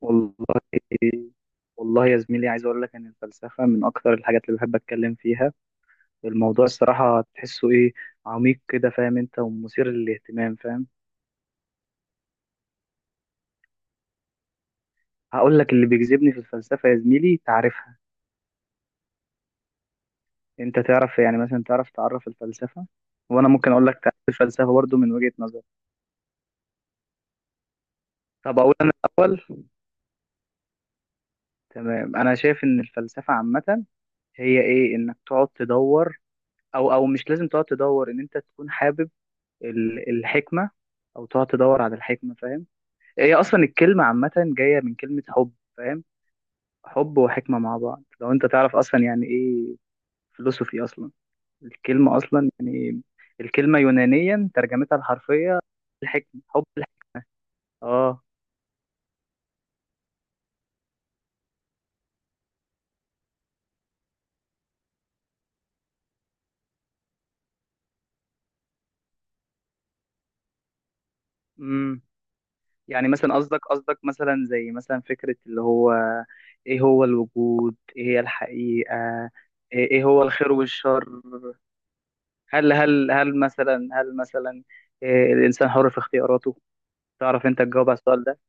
والله والله. يا زميلي، عايز اقول لك ان الفلسفه من اكتر الحاجات اللي بحب اتكلم فيها. الموضوع الصراحه تحسه ايه، عميق كده، فاهم انت، ومثير للاهتمام، فاهم. هقول لك اللي بيجذبني في الفلسفه يا زميلي، تعرفها. انت تعرف، يعني مثلا تعرف الفلسفه، وانا ممكن اقول لك تعرف الفلسفه برضو من وجهه نظري. طب اقول انا الاول. تمام، انا شايف ان الفلسفه عامه هي ايه، انك تقعد تدور، او مش لازم تقعد تدور، ان انت تكون حابب الحكمه، او تقعد تدور على الحكمه، فاهم. هي اصلا الكلمه عامه جايه من كلمه حب، فاهم. حب وحكمه مع بعض، لو انت تعرف اصلا يعني ايه فلسفي اصلا، الكلمه اصلا يعني إيه؟ الكلمه يونانيا ترجمتها الحرفيه الحكمه، حب الحكمه. اه. امم يعني مثلا، قصدك مثلا، زي مثلا فكره اللي هو ايه هو الوجود، ايه هي الحقيقه، إيه هو الخير والشر، هل مثلا إيه، الانسان حر في اختياراته؟ تعرف انت تجاوب على السؤال ده؟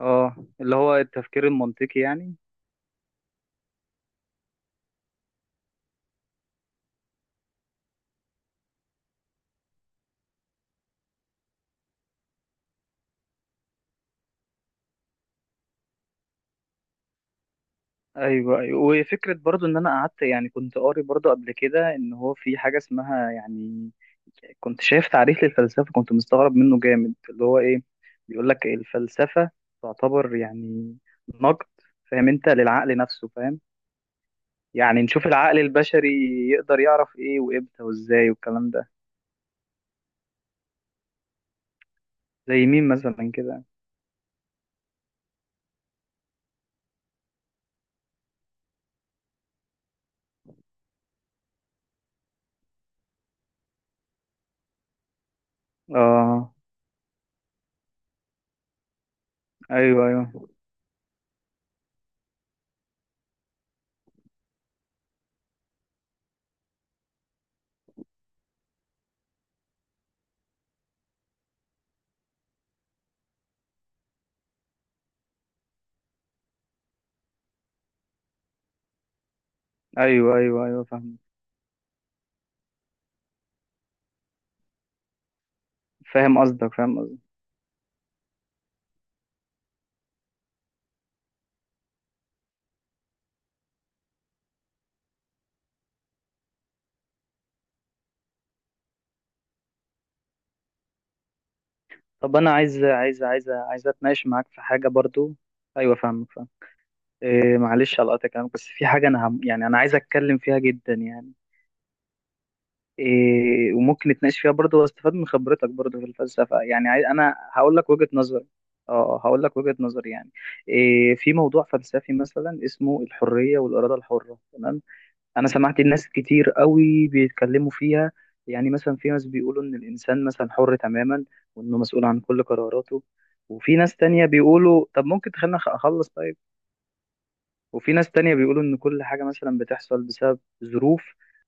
اه، اللي هو التفكير المنطقي يعني. ايوه، ايوه، وفكره برضو ان انا قعدت، يعني كنت قاري برضو قبل كده ان هو في حاجه اسمها يعني، كنت شايف تعريف للفلسفه كنت مستغرب منه جامد، اللي هو ايه، بيقول لك الفلسفه تعتبر يعني نقد، فاهم انت، للعقل نفسه، فاهم. يعني نشوف العقل البشري يقدر يعرف ايه وامتى وازاي والكلام ده. زي مين مثلا كده؟ اه. ايوه، ايوه، ايوه، ايوه، ايوه. فاهم، فاهم قصدك، فاهم. طب انا عايز اتناقش معاك في حاجه برضو. ايوه فاهمك، فاهم. إيه، معلش على قطع كلامك، بس في حاجه انا هم، يعني انا عايز اتكلم فيها جدا يعني، إيه، وممكن نتناقش فيها برضو واستفاد من خبرتك برضو في الفلسفه، يعني عايز، انا هقول لك وجهه نظري. اه، هقول لك وجهه نظري يعني، إيه، في موضوع فلسفي مثلا اسمه الحريه والاراده الحره، تمام. انا سمعت الناس كتير قوي بيتكلموا فيها، يعني مثلا في ناس بيقولوا ان الانسان مثلا حر تماما، وانه مسؤول عن كل قراراته. وفي ناس تانية بيقولوا طب ممكن تخلينا اخلص، طيب. وفي ناس تانية بيقولوا ان كل حاجة مثلا بتحصل بسبب ظروف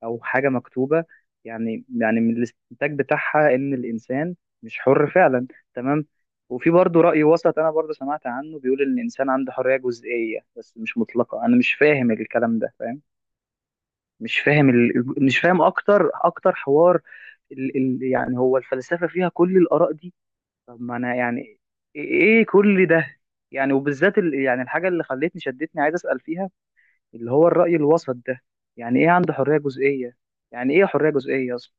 او حاجة مكتوبة، يعني من الاستنتاج بتاعها ان الانسان مش حر فعلا، تمام. وفي برضه رأي وسط انا برضه سمعت عنه، بيقول ان الانسان عنده حرية جزئية بس مش مطلقة، انا مش فاهم الكلام ده، فاهم. مش فاهم مش فاهم اكتر حوار، يعني هو الفلسفه فيها كل الاراء دي، طب ما انا يعني إيه كل ده، يعني وبالذات يعني الحاجه اللي خلتني شدتني عايز اسال فيها اللي هو الراي الوسط ده، يعني ايه عنده حريه جزئيه، يعني ايه حريه جزئيه اصلا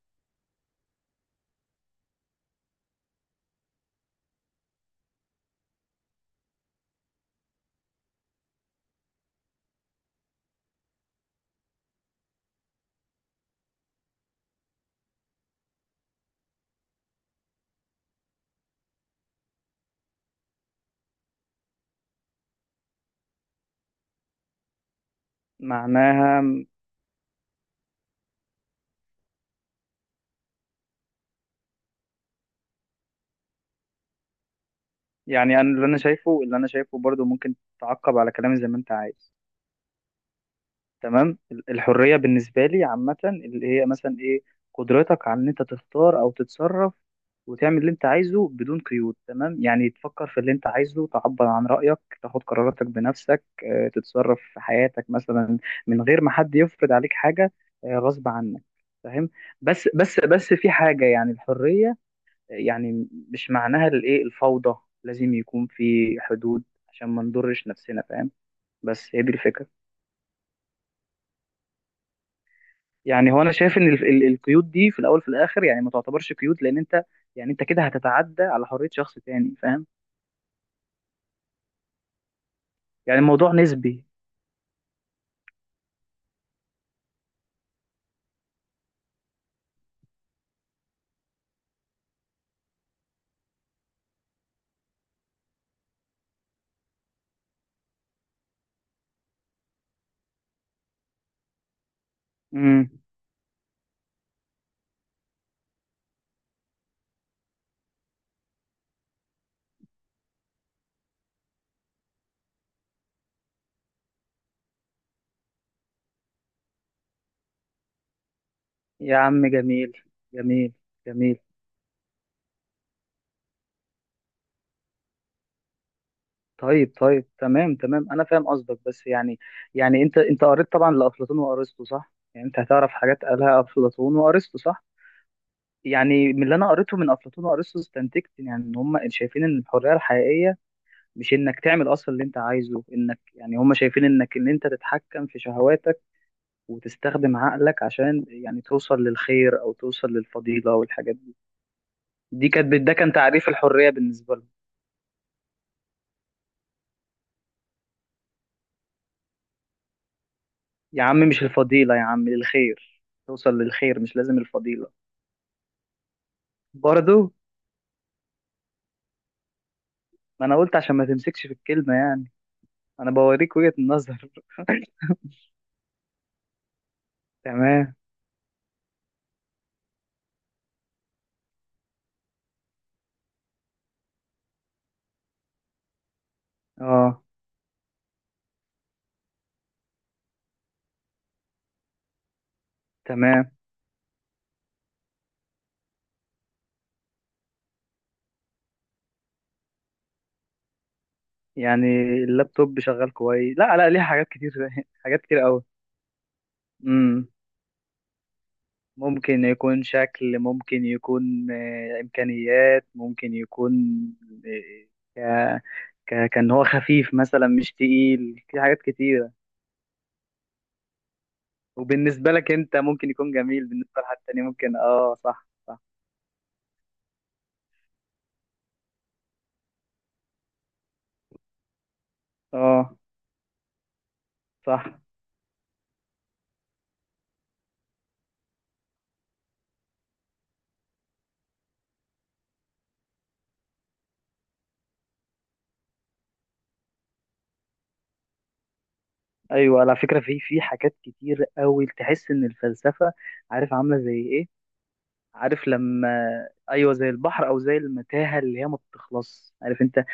معناها؟ يعني انا اللي انا شايفه برضو، ممكن تعقب على كلامي زي ما انت عايز، تمام. الحريه بالنسبه لي عامه اللي هي مثلا ايه، قدرتك على ان انت تختار او تتصرف وتعمل اللي انت عايزه بدون قيود، تمام، يعني تفكر في اللي انت عايزه، تعبر عن رايك، تاخد قراراتك بنفسك، تتصرف في حياتك مثلا من غير ما حد يفرض عليك حاجه غصب عنك، فاهم. بس في حاجه، يعني الحريه يعني مش معناها الايه، الفوضى، لازم يكون في حدود عشان ما نضرش نفسنا، فاهم. بس هي دي الفكره، يعني هو انا شايف ان القيود دي في الاول في الاخر يعني ما تعتبرش قيود، لان انت يعني انت كده هتتعدى على حرية شخص تاني، فاهم. يعني الموضوع نسبي. امم يا عم، جميل، جميل، جميل. طيب، طيب، تمام، تمام، انا فاهم قصدك، بس يعني يعني انت قريت طبعا لافلاطون وارسطو صح، يعني انت هتعرف حاجات قالها افلاطون وارسطو صح. يعني من اللي انا قريته من افلاطون وارسطو استنتجت يعني ان هم شايفين ان الحريه الحقيقيه مش انك تعمل اصلا اللي انت عايزه، انك يعني هم شايفين انك ان انت تتحكم في شهواتك وتستخدم عقلك عشان يعني توصل للخير او توصل للفضيله والحاجات دي، دي كانت ده كان تعريف الحريه بالنسبه لهم. يا عم مش الفضيله يا عم، الخير. توصل للخير مش لازم الفضيله. برضو، ما انا قلت عشان ما تمسكش في الكلمه يعني، انا بوريك وجهه النظر تمام. اه، تمام، يعني اللابتوب شغال كويس، لا، لا، ليه حاجات كتير حاجات كتير قوي. ممكن يكون شكل، ممكن يكون إمكانيات، ممكن يكون آه، آه، ك ك كان هو خفيف مثلا مش تقيل في حاجات كتيرة. وبالنسبة لك أنت ممكن يكون جميل، بالنسبة لحد تاني ممكن صح، صح، آه صح. أيوة على فكرة، في حاجات كتير أوي تحس إن الفلسفة، عارف، عاملة زي إيه، عارف لما، أيوة زي البحر أو زي المتاهة اللي هي ما بتخلص، عارف أنت،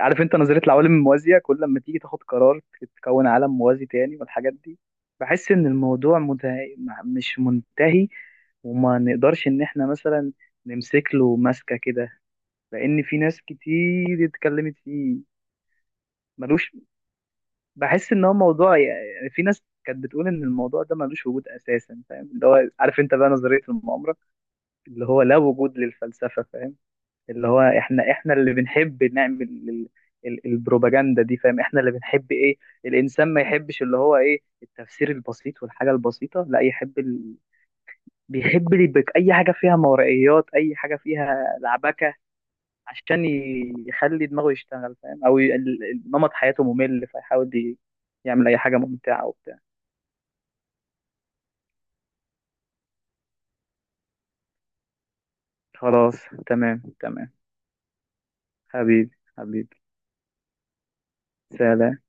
عارف انت نظريه العوالم الموازيه، كل لما تيجي تاخد قرار تكون عالم موازي تاني والحاجات دي. بحس ان الموضوع مش منتهي، وما نقدرش ان احنا مثلا نمسك له ماسكه كده، لان في ناس كتير اتكلمت فيه، ملوش. بحس ان هو موضوع يعني، في ناس كانت بتقول ان الموضوع ده ملوش وجود اساسا، فاهم، اللي هو، عارف انت، بقى نظريه المؤامره، اللي هو لا وجود للفلسفه، فاهم. اللي هو احنا اللي بنحب نعمل البروباجندا دي، فاهم، احنا اللي بنحب ايه، الانسان ما يحبش اللي هو ايه، التفسير البسيط والحاجه البسيطه، لا يحب بيحب اي حاجه فيها مورائيات، اي حاجه فيها لعبكه عشان يخلي دماغه يشتغل، فاهم. او نمط حياته ممل فيحاول يعمل اي حاجه ممتعه وبتاع. خلاص، تمام، تمام. حبيبي، حبيبي. سلام.